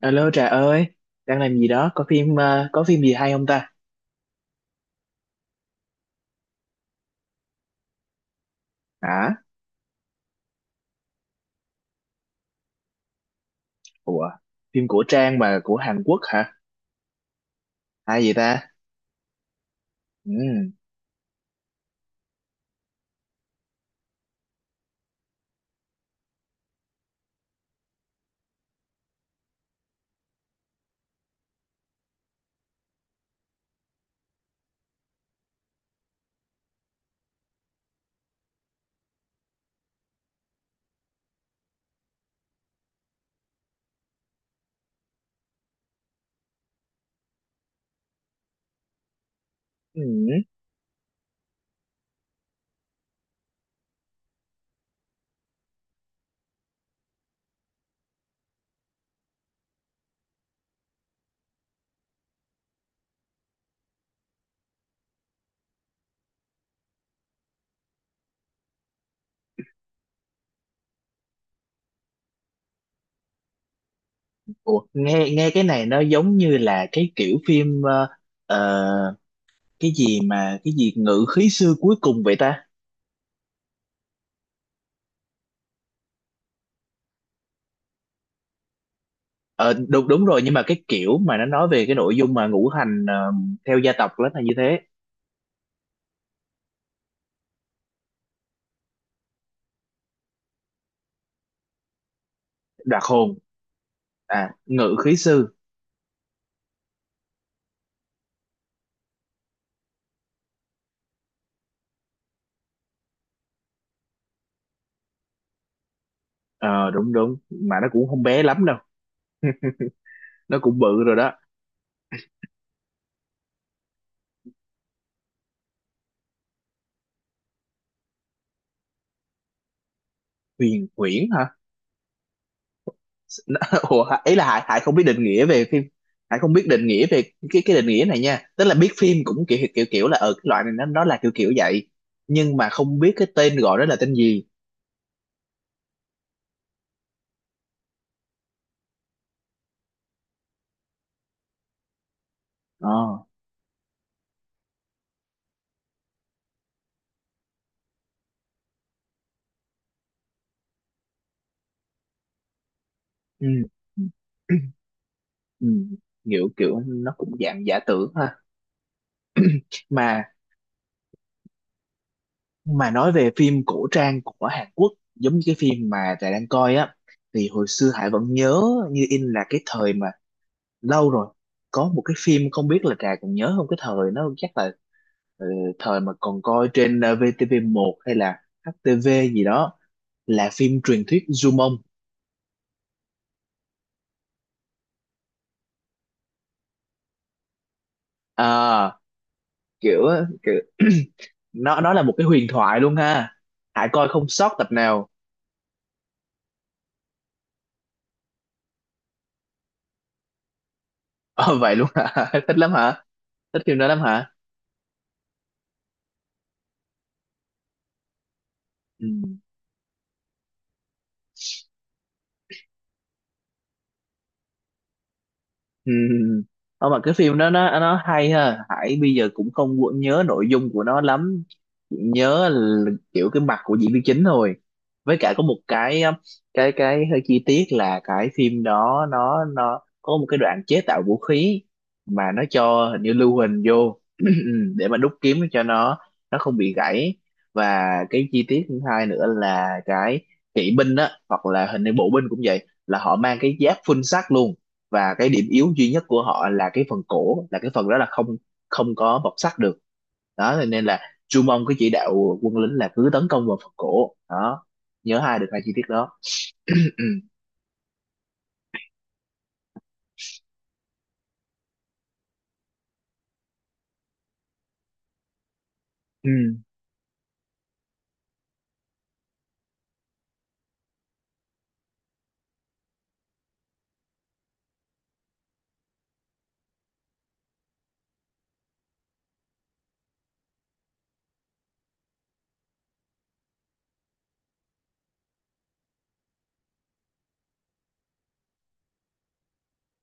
Alo Trà ơi, đang làm gì đó? Có phim gì hay không ta? Hả? Ủa, phim của Trang mà của Hàn Quốc hả? Hay vậy ta? Ừ. Ừ. Ủa, nghe nghe cái này nó giống như là cái kiểu phim ờ, cái gì ngự khí xưa cuối cùng vậy ta? Ờ đúng đúng rồi, nhưng mà cái kiểu mà nó nói về cái nội dung mà ngũ hành theo gia tộc đó là như thế. Đoạt hồn. À, ngự khí sư. Ờ đúng đúng, mà nó cũng không bé lắm đâu. Nó cũng bự rồi đó. Huyền Huyễn hả? Ủa, ý là Hải không biết định nghĩa về phim. Hải không biết định nghĩa về cái định nghĩa này nha, tức là biết phim cũng kiểu kiểu kiểu là ở cái loại này nó là kiểu kiểu vậy nhưng mà không biết cái tên gọi đó là tên gì. ờ ừ. Ừ. Kiểu kiểu nó cũng dạng giả tưởng ha. Mà mà nói về phim cổ trang của Hàn Quốc giống như cái phim mà Trà đang coi á, thì hồi xưa Hải vẫn nhớ như in là cái thời mà lâu rồi, có một cái phim không biết là Trà còn nhớ không. Cái thời nó chắc là ờ, thời mà còn coi trên VTV1 hay là HTV gì đó, là phim truyền thuyết Dumont. à, kiểu kiểu nó là một cái huyền thoại luôn ha. Hải coi không sót tập nào. Ờ, vậy luôn hả? Thích lắm hả? Thích phim đó lắm hả? Ừ. Ừ. Ờ, mà cái phim đó nó hay ha, Hải bây giờ cũng không có nhớ nội dung của nó lắm. Chỉ nhớ là kiểu cái mặt của diễn viên chính thôi, với cả có một cái hơi chi tiết là cái phim đó nó có một cái đoạn chế tạo vũ khí mà nó cho hình như lưu huỳnh vô để mà đúc kiếm cho nó không bị gãy. Và cái chi tiết thứ hai nữa là cái kỵ binh á, hoặc là hình như bộ binh cũng vậy, là họ mang cái giáp phun sắt luôn. Và cái điểm yếu duy nhất của họ là cái phần cổ, là cái phần đó là không không có bọc sắt được, đó nên là Chu Mông có chỉ đạo quân lính là cứ tấn công vào phần cổ đó. Nhớ hai được hai chi tiết đó. Ừ, ừ, ừ,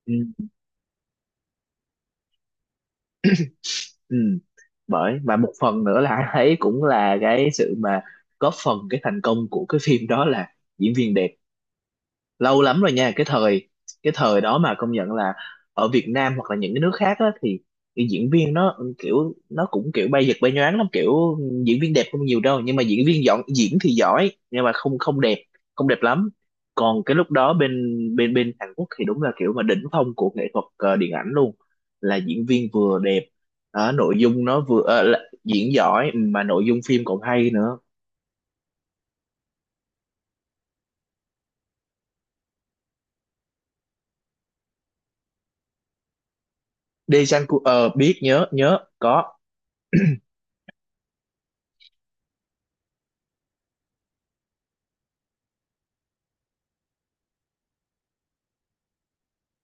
ừ. Ừ. Bởi và một phần nữa là anh thấy cũng là cái sự mà góp phần cái thành công của cái phim đó là diễn viên đẹp. Lâu lắm rồi nha, cái thời đó mà công nhận là ở Việt Nam hoặc là những cái nước khác á, thì cái diễn viên nó kiểu nó cũng kiểu bay giật bay nhoáng lắm, kiểu diễn viên đẹp không nhiều đâu, nhưng mà diễn viên dọn diễn thì giỏi nhưng mà không không đẹp, không đẹp lắm. Còn cái lúc đó bên bên bên Hàn Quốc thì đúng là kiểu mà đỉnh phong của nghệ thuật điện ảnh luôn, là diễn viên vừa đẹp, nội dung nó vừa là diễn giỏi mà nội dung phim còn hay nữa. Dae Sang Ku biết, nhớ nhớ có.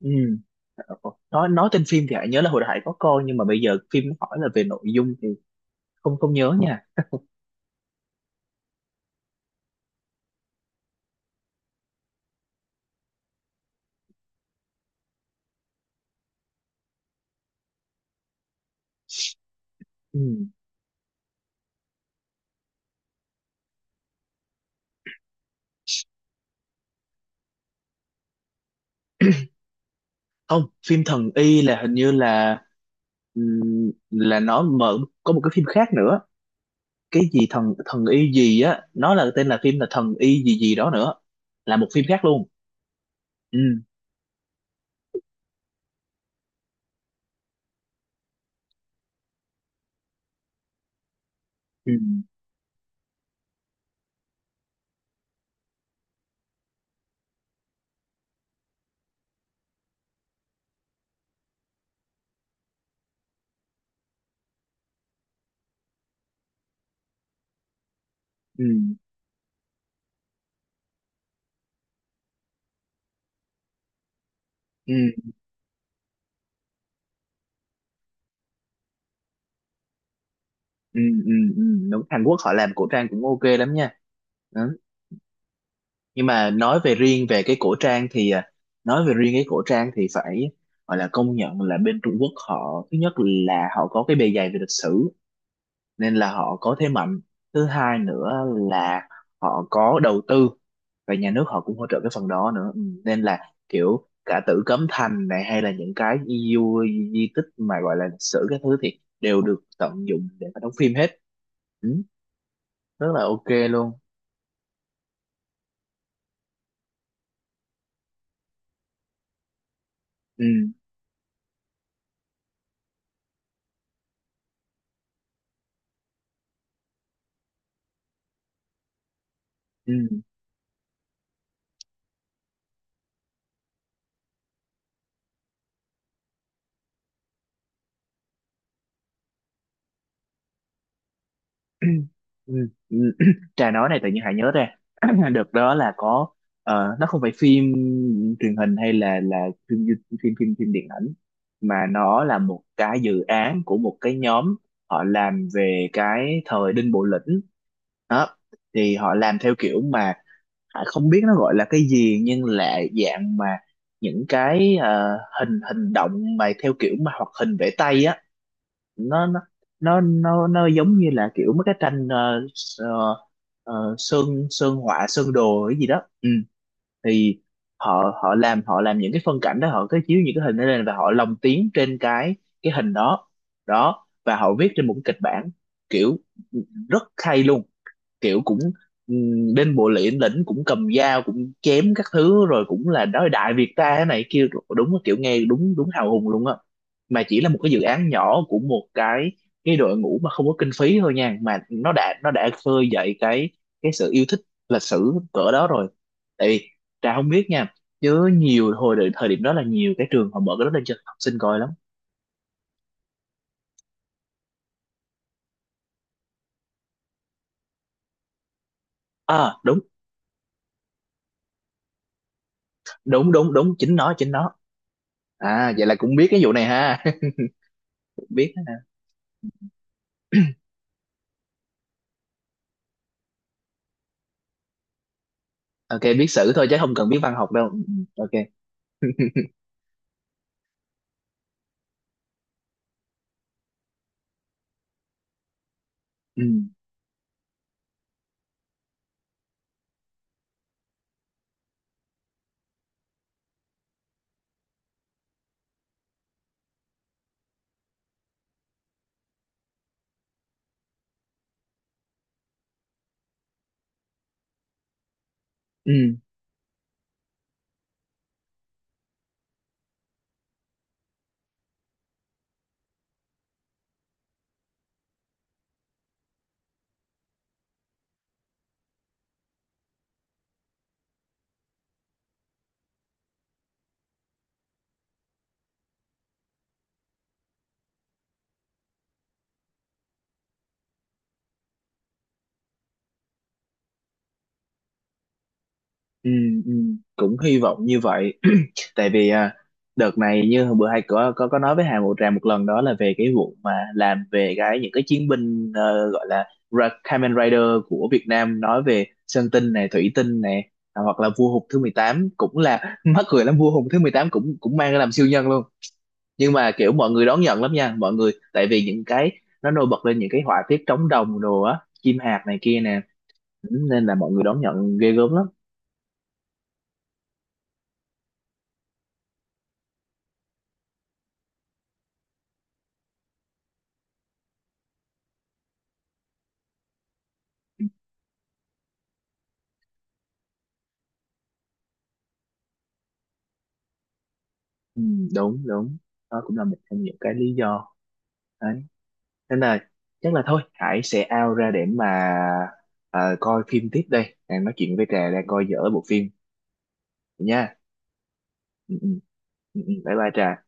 Ừ. Nói tên phim thì Hải nhớ là hồi đại có coi nhưng mà bây giờ phim nó hỏi là về nội dung thì không không nhớ nha. Ừ. Không, phim Thần Y là hình như là nó mở, có một cái phim khác nữa. Cái gì thần thần y gì á, nó là tên là phim là Thần Y gì gì đó nữa. Là một phim khác luôn. Ừ. Ừ. Ừ. Ừ. Ừ. Ừ. Ừ. Đúng, Hàn Quốc họ làm cổ trang cũng ok lắm nha. Nhưng mà nói về riêng về cái cổ trang thì nói về riêng cái cổ trang thì phải gọi là công nhận là bên Trung Quốc họ, thứ nhất là họ có cái bề dày về lịch sử nên là họ có thế mạnh. Thứ hai nữa là họ có đầu tư và nhà nước họ cũng hỗ trợ cái phần đó nữa. Ừ, nên là kiểu cả Tử Cấm Thành này hay là những cái di tích mà gọi là lịch sử các thứ thì đều được tận dụng để mà đóng phim hết, ừ, rất là ok luôn. Ừ, ừ. Ừ, ừ. Trà nói này tự nhiên Hải nhớ ra, đợt đó là có nó không phải phim truyền hình, hay là phim phim phim điện ảnh, mà nó là một cái dự án của một cái nhóm. Họ làm về cái thời Đinh Bộ Lĩnh đó, thì họ làm theo kiểu mà Hải không biết nó gọi là cái gì, nhưng là dạng mà những cái hình hình động mà theo kiểu mà hoạt hình vẽ tay á. Nó nó nó nó nó giống như là kiểu mấy cái tranh ờ, sơn sơn họa sơn đồ cái gì đó, ừ. Thì họ họ làm những cái phân cảnh đó, họ cứ chiếu những cái hình đó lên và họ lồng tiếng trên cái hình đó. Đó và họ viết trên một cái kịch bản kiểu, ừ, rất hay luôn, kiểu cũng bên bộ liễn lĩnh cũng cầm dao cũng chém các thứ, rồi cũng là nói đại Việt ta thế này kia, đúng là kiểu nghe đúng đúng hào hùng luôn á. Mà chỉ là một cái dự án nhỏ của một cái đội ngũ mà không có kinh phí thôi nha, mà nó đã khơi dậy cái sự yêu thích lịch sử cỡ đó rồi, tại vì Trà không biết nha, chứ nhiều hồi thời điểm đó là nhiều cái trường họ mở cái đó lên cho học sinh coi lắm. À đúng, đúng đúng đúng, chính nó chính nó. À vậy là cũng biết cái vụ này ha. Biết. Ok, biết sử thôi chứ không cần biết văn học đâu. Ừ, ok. Ừ. Ừ. Ừ, ừ, cũng hy vọng như vậy. Tại vì đợt này như hôm bữa hai có nói với Hà Ngọc Trà một lần đó là về cái vụ mà làm về cái những cái chiến binh gọi là Kamen Rider của Việt Nam, nói về Sơn Tinh này Thủy Tinh này, à, hoặc là Vua Hùng thứ 18 cũng là mắc cười lắm, Vua Hùng thứ 18 cũng cũng mang ra làm siêu nhân luôn. Nhưng mà kiểu mọi người đón nhận lắm nha mọi người, tại vì những cái nó nổi bật lên những cái họa tiết trống đồng đồ á, chim hạt này kia nè. Ừ, nên là mọi người đón nhận ghê gớm lắm. Ừ, đúng đúng, đó cũng là một trong những cái lý do đấy. Nên là chắc là thôi Hải sẽ out ra để mà coi phim tiếp đây, đang nói chuyện với Trà đang coi dở bộ phim nha. Ừ, ừ, ừ, ừ. Bye bye Trà